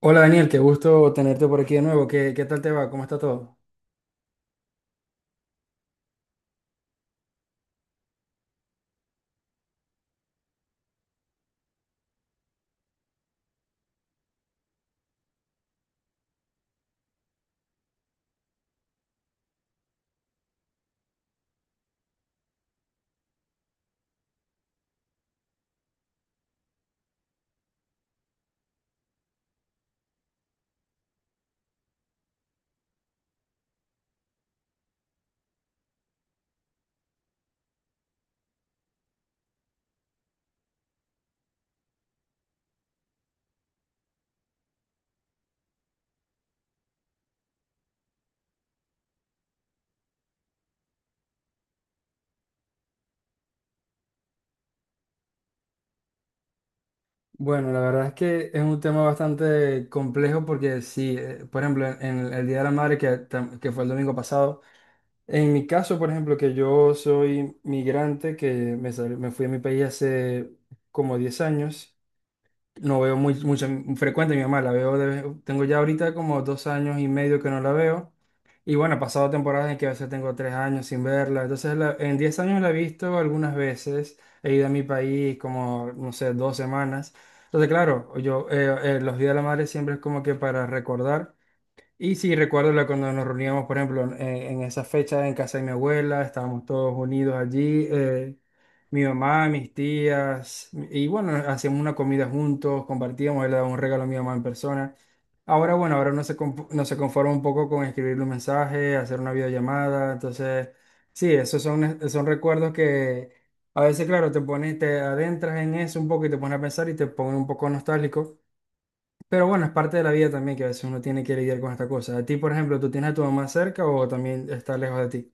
Hola Daniel, qué gusto tenerte por aquí de nuevo. ¿Qué tal te va? ¿Cómo está todo? Bueno, la verdad es que es un tema bastante complejo porque sí, por ejemplo, en el Día de la Madre que fue el domingo pasado, en mi caso, por ejemplo, que yo soy migrante, que me fui a mi país hace como 10 años. No veo mucho, frecuente a mi mamá, la veo, tengo ya ahorita como 2 años y medio que no la veo. Y bueno, he pasado temporadas en que a veces tengo 3 años sin verla. Entonces, en 10 años la he visto algunas veces. He ido a mi país como, no sé, 2 semanas. Entonces, claro, los Días de la Madre siempre es como que para recordar. Y sí, recuerdo cuando nos reuníamos, por ejemplo, en esa fecha en casa de mi abuela, estábamos todos unidos allí, mi mamá, mis tías, y bueno, hacíamos una comida juntos, compartíamos, él le daba un regalo a mi mamá en persona. Ahora, bueno, ahora no se conforma un poco con escribirle un mensaje, hacer una videollamada. Entonces, sí, esos son recuerdos que a veces, claro, te adentras en eso un poco y te pones a pensar y te pones un poco nostálgico. Pero bueno, es parte de la vida también que a veces uno tiene que lidiar con esta cosa. A ti, por ejemplo, ¿tú tienes a tu mamá cerca o también está lejos de ti?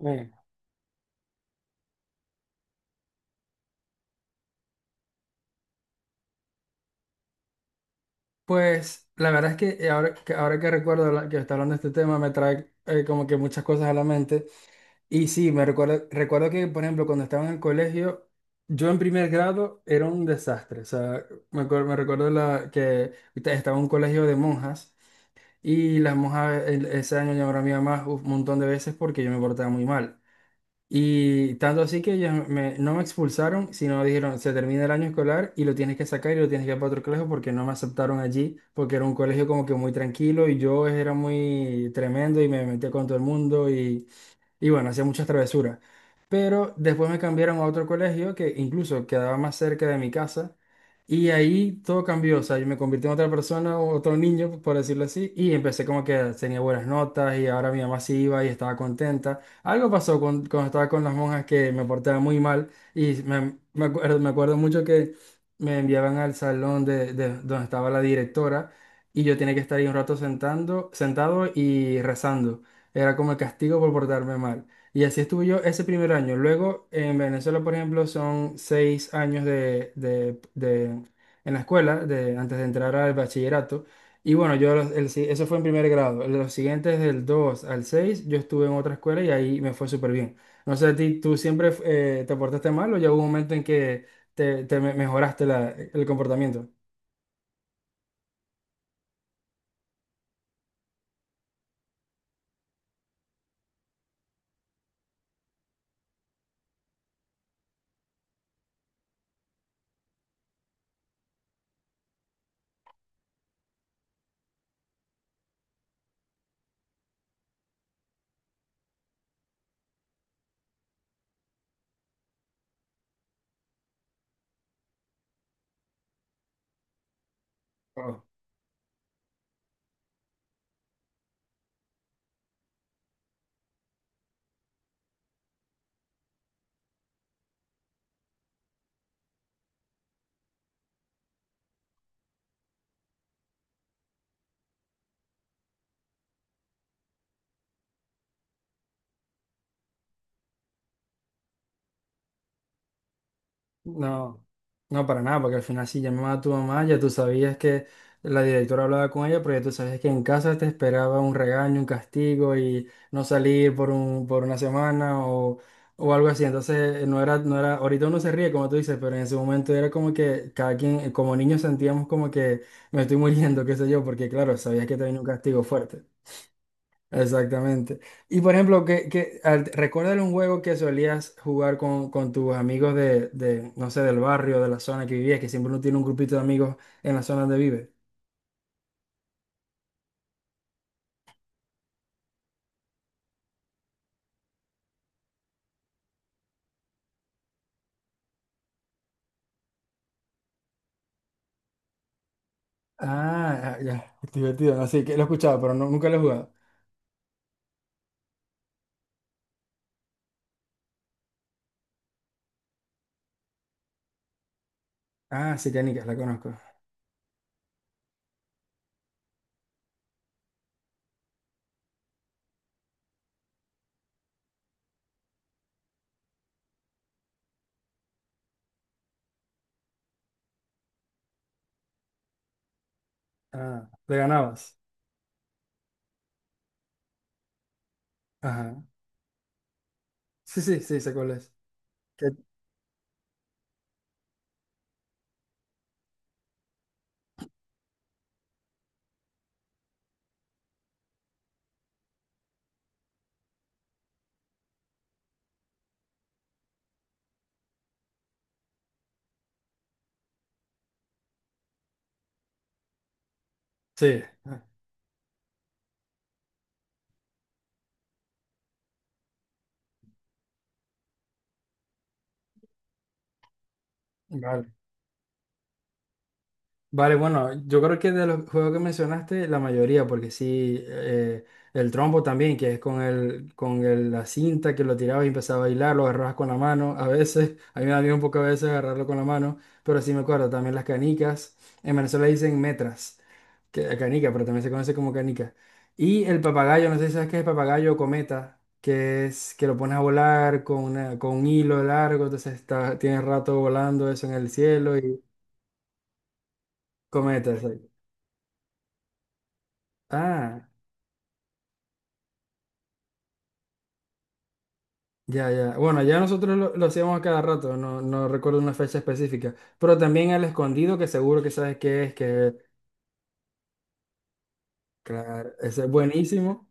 Mm. Pues la verdad es que ahora que recuerdo que está hablando de este tema me trae como que muchas cosas a la mente. Y sí, recuerdo que, por ejemplo, cuando estaba en el colegio, yo en primer grado era un desastre. O sea, me recuerdo que estaba en un colegio de monjas y las monjas ese año llamaron a mi mamá un montón de veces porque yo me portaba muy mal. Y tanto así que ellos no me expulsaron, sino dijeron, se termina el año escolar y lo tienes que sacar y lo tienes que ir para otro colegio porque no me aceptaron allí, porque era un colegio como que muy tranquilo y yo era muy tremendo y me metía con todo el mundo y bueno, hacía muchas travesuras. Pero después me cambiaron a otro colegio que incluso quedaba más cerca de mi casa. Y ahí todo cambió. O sea, yo me convertí en otra persona, otro niño, por decirlo así. Y empecé como que tenía buenas notas y ahora mi mamá sí iba y estaba contenta. Algo pasó cuando estaba con las monjas que me portaba muy mal. Y me acuerdo mucho que me enviaban al salón de donde estaba la directora. Y yo tenía que estar ahí un rato sentado y rezando. Era como el castigo por portarme mal. Y así estuve yo ese primer año. Luego, en Venezuela, por ejemplo, son 6 años en la escuela, antes de entrar al bachillerato. Y bueno, yo los- el si- eso fue en primer grado. Los siguientes, del 2 al 6 yo estuve en otra escuela y ahí me fue súper bien. No sé, a ti, ¿tú siempre te portaste mal o ya hubo un momento en que mejoraste el comportamiento? No, no para nada, porque al final si llamaba a tu mamá, ya tú sabías que la directora hablaba con ella, pero ya tú sabías que en casa te esperaba un regaño, un castigo y no salir por una semana o algo así. Entonces, no era, ahorita uno se ríe, como tú dices, pero en ese momento era como que cada quien, como niños sentíamos como que me estoy muriendo, qué sé yo, porque claro, sabías que te venía un castigo fuerte. Exactamente. Y por ejemplo, recuérdale un juego que solías jugar con tus amigos de, no sé, del barrio, de la zona que vivías, que siempre uno tiene un grupito de amigos en la zona donde vive. Ah, ah, ya, es divertido. No, sí, que lo he escuchado, pero no, nunca lo he jugado. Ah, sí, canicas, la conozco. Ah, le ganabas. Ajá. Sí, sí, sí, sé cuál es. Que- Sí, ah, vale. Vale, bueno, yo creo que de los juegos que mencionaste, la mayoría, porque sí, el trompo también, que es la cinta que lo tirabas y empezaba a bailar, lo agarrabas con la mano, a veces, a mí me da miedo un poco a veces agarrarlo con la mano, pero sí me acuerdo, también las canicas, en Venezuela dicen metras, canica, pero también se conoce como canica. Y el papagayo, no sé si sabes qué es el papagayo o cometa, que es que lo pones a volar con un hilo largo. Entonces tienes rato volando eso en el cielo y cometa. Ah, ya, ya. Bueno, ya nosotros lo hacíamos a cada rato, no no recuerdo una fecha específica, pero también el escondido, que seguro que sabes qué es, claro, ese es buenísimo.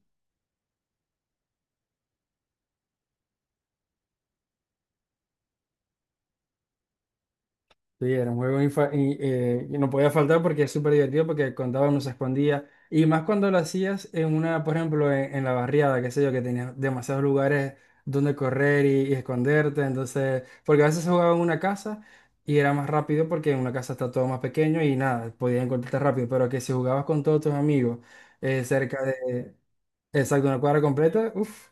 Sí, era un juego y no podía faltar porque es súper divertido porque contaba uno se escondía. Y más cuando lo hacías por ejemplo, en la barriada, qué sé yo, que tenías demasiados lugares donde correr y esconderte. Entonces, porque a veces se jugaba en una casa y era más rápido porque en una casa está todo más pequeño y nada, podías encontrarte rápido. Pero que si jugabas con todos tus amigos cerca de, exacto, una cuadra completa, uff,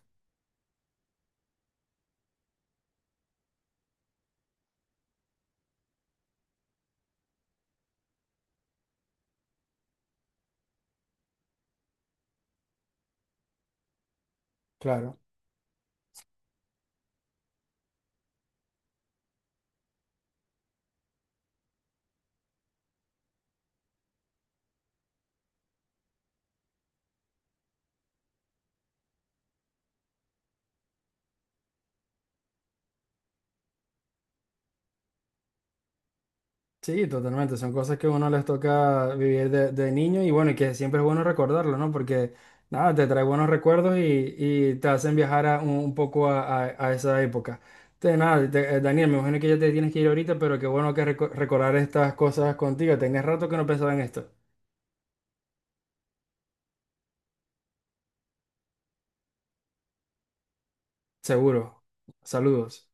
claro. Sí, totalmente. Son cosas que a uno les toca vivir de niño y bueno, y que siempre es bueno recordarlo, ¿no? Porque nada, te trae buenos recuerdos y te hacen viajar un poco a esa época. Entonces, nada, Daniel, me imagino que ya te tienes que ir ahorita, pero qué bueno que recordar estas cosas contigo. Tenés rato que no pensaba en esto. Seguro. Saludos.